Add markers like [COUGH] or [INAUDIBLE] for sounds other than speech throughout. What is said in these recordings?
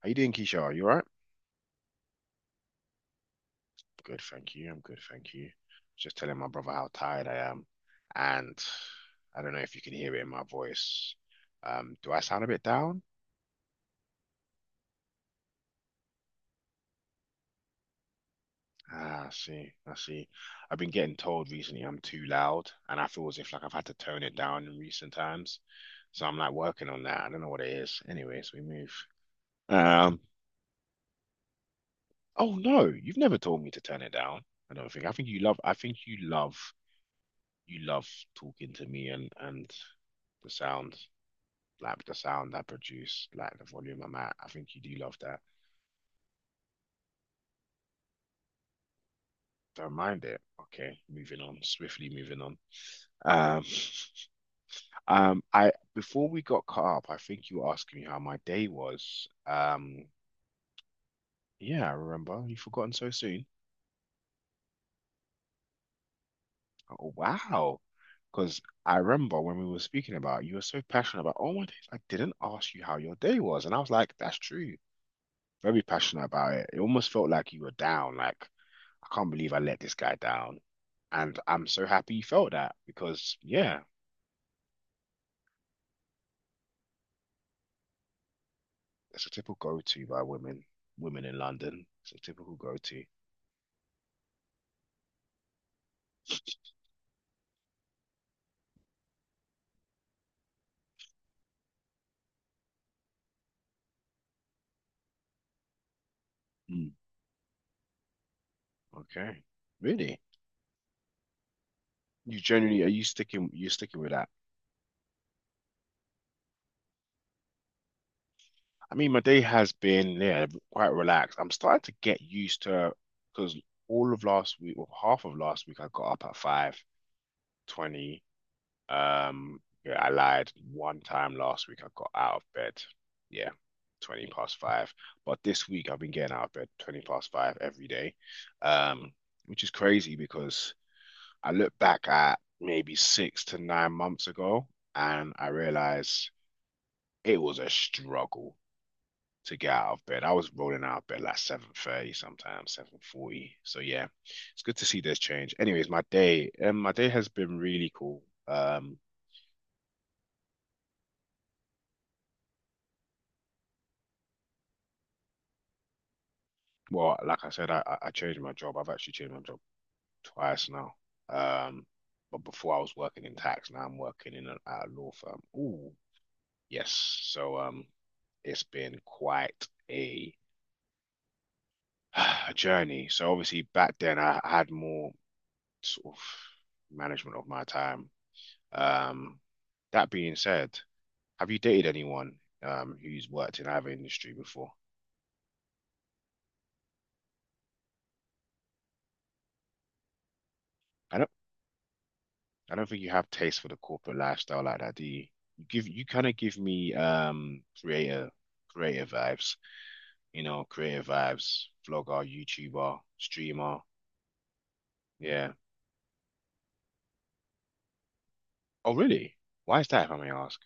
How you doing, Keisha? You all right? Good, thank you. I'm good, thank you. Just telling my brother how tired I am. And I don't know if you can hear it in my voice. Do I sound a bit down? Ah, I see. I've been getting told recently I'm too loud, and I feel as if like I've had to tone it down in recent times. So I'm like working on that. I don't know what it is. Anyways, we move. Um, oh no, you've never told me to turn it down. I don't think. I think you love talking to me and the sound. Like the sound I produce, like the volume I'm at. I think you do love that. Don't mind it. Okay, moving on swiftly. Moving on. Um, I before we got caught up, I think you were asking me how my day was. Yeah, I remember. You've forgotten so soon. Oh, wow. Because I remember when we were speaking about, you were so passionate about, oh my days, I didn't ask you how your day was. And I was like, that's true. Very passionate about it. It almost felt like you were down, like I can't believe I let this guy down. And I'm so happy you felt that because yeah, it's a typical go-to by women, women in London. It's a typical go-to. Mm. Okay. Really? You generally are you are sticking with that? I mean, my day has been yeah, quite relaxed. I'm starting to get used to because all of last week, well, half of last week, I got up at 5:20. Yeah, I lied one time last week. I got out of bed. Yeah, 20 past five. But this week I've been getting out of bed 20 past five every day. Um, which is crazy because I look back at maybe 6 to 9 months ago and I realize it was a struggle to get out of bed. I was rolling out of bed like 7:30 sometimes, 7:40. So yeah, it's good to see this change. Anyways, my day has been really cool. Well, like I said, I changed my job. I've actually changed my job twice now. Um, but before I was working in tax, now I'm working in at a law firm. Ooh, yes. So it's been quite [SIGHS] a journey. So obviously back then I had more sort of management of my time. Um, that being said, have you dated anyone who's worked in either industry before? I I don't think you have taste for the corporate lifestyle like that, do you? You give you kind of give me creator vibes, you know, creator vibes, vlogger, YouTuber, streamer. Yeah. Oh, really? Why is that, if I may ask?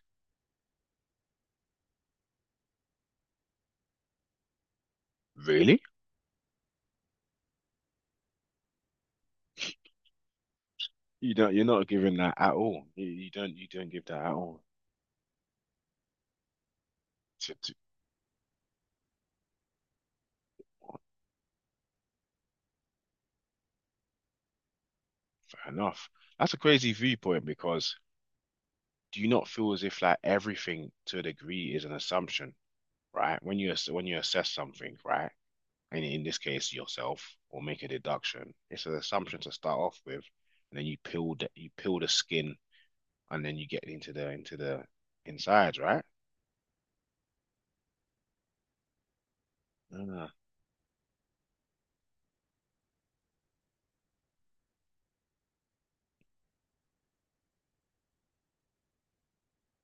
Really? You're not giving that at all. You don't give that at all. T- t- Fair enough. That's a crazy viewpoint because do you not feel as if like everything to a degree is an assumption, right? When you when you assess something, right? And in this case yourself, or make a deduction. It's an assumption to start off with, and then you peel the skin, and then you get into the insides, right?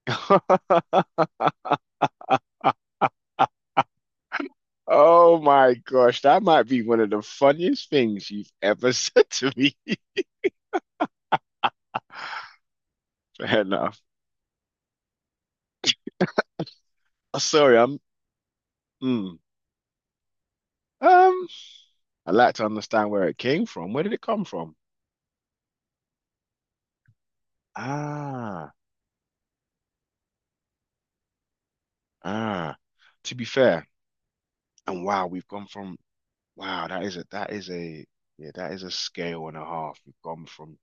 Ah. [LAUGHS] Oh my gosh, that might be one of the funniest things you've ever [LAUGHS] said to me. [LAUGHS] Fair enough. Oh, sorry, I'm. Mm, um, I'd like to understand where it came from. Where did it come from? Ah, ah. To be fair, and wow, we've gone from wow, that is a yeah, that is a scale and a half. You've gone from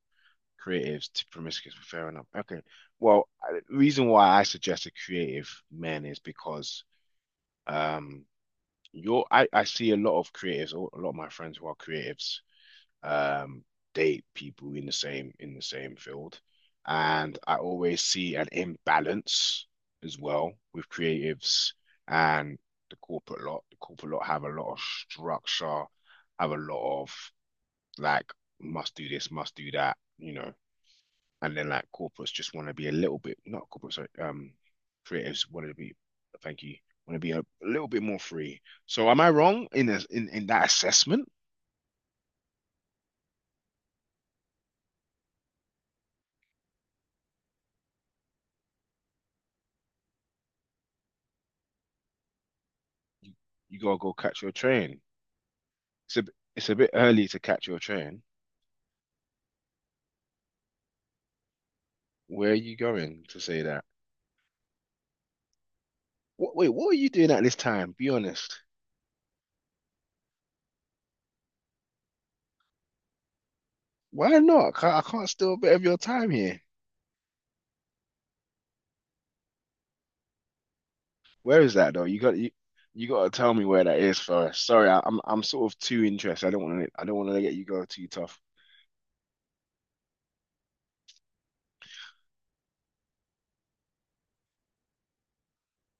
creatives to promiscuous. Fair enough. Okay. Well, I- the reason why I suggested creative men is because um you're I see a lot of creatives, a lot of my friends who are creatives, um, date people in the same field. And I always see an imbalance as well with creatives and the corporate lot. The corporate lot have a lot of structure, have a lot of like must do this, must do that, you know. And then like corporates just want to be a little bit not corporates, sorry, creatives want to be, thank you, want to be a little bit more free. So am I wrong in in that assessment? You, you gotta go catch your train. It's a it's a bit early to catch your train. Where are you going to say that? Wait, what are you doing at this time? Be honest. Why not? I can't steal a bit of your time here. Where is that though? You got to tell me where that is first. Sorry, I'm sort of too interested. I don't want to let you go too tough.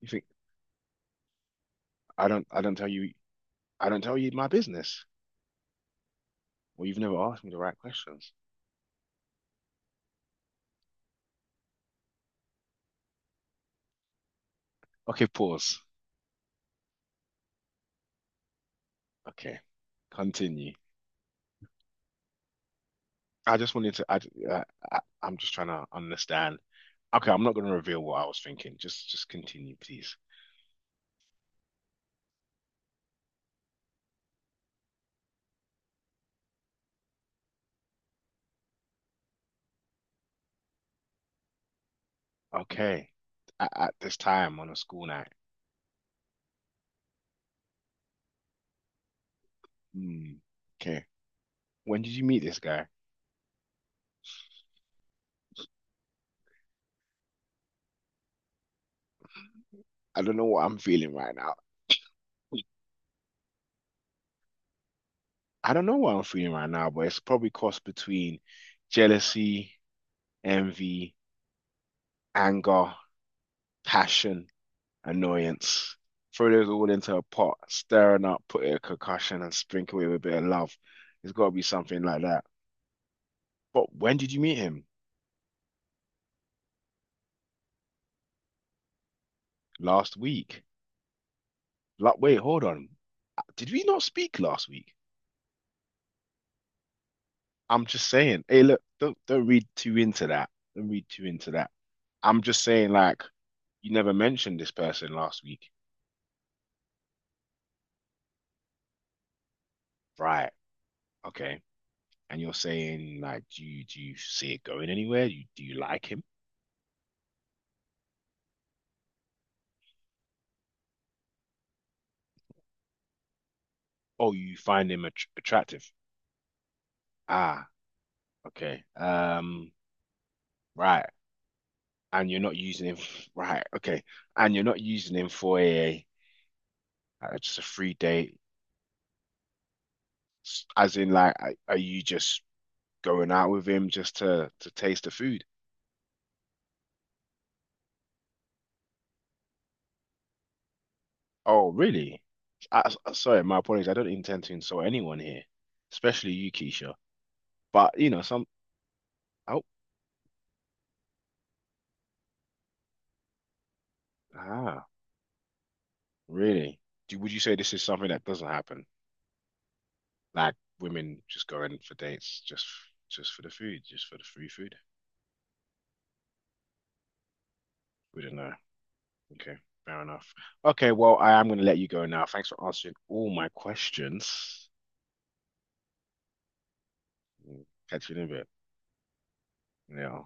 You think I don't tell you I don't tell you my business. Well, you've never asked me the right questions. Okay, pause. Okay, continue. I just wanted to I, I I- I'm just trying to understand. Okay, I'm not going to reveal what I was thinking. Just continue, please. Okay. At this time on a school night. Hmm. Okay. When did you meet this guy? I don't know what I'm feeling right now. I don't know what I'm feeling right now, but it's probably crossed between jealousy, envy, anger, passion, annoyance. Throw those all into a pot, stirring up, put it a concussion, and sprinkle it with a bit of love. It's got to be something like that. But when did you meet him? Last week. Like, wait, hold on. Did we not speak last week? I'm just saying. Hey, look, don't read too into that. Don't read too into that. I'm just saying, like, you never mentioned this person last week, right? Okay, and you're saying, like, do you see it going anywhere? You do you like him? Oh, you find him attractive? Ah, okay. Right. And you're not using him, [LAUGHS] right? Okay, and you're not using him for a just a free date, as in, like, are you just going out with him just to taste the food. Oh, really? Sorry, my apologies. I don't intend to insult anyone here, especially you, Keisha. But you know, some oh ah, really? Do, would you say this is something that doesn't happen? Like women just going for dates just for the food, just for the free food? We don't know. Okay, fair enough. Okay, well, I am going to let you go now. Thanks for answering all my questions. Mm, catch you in a bit. Yeah.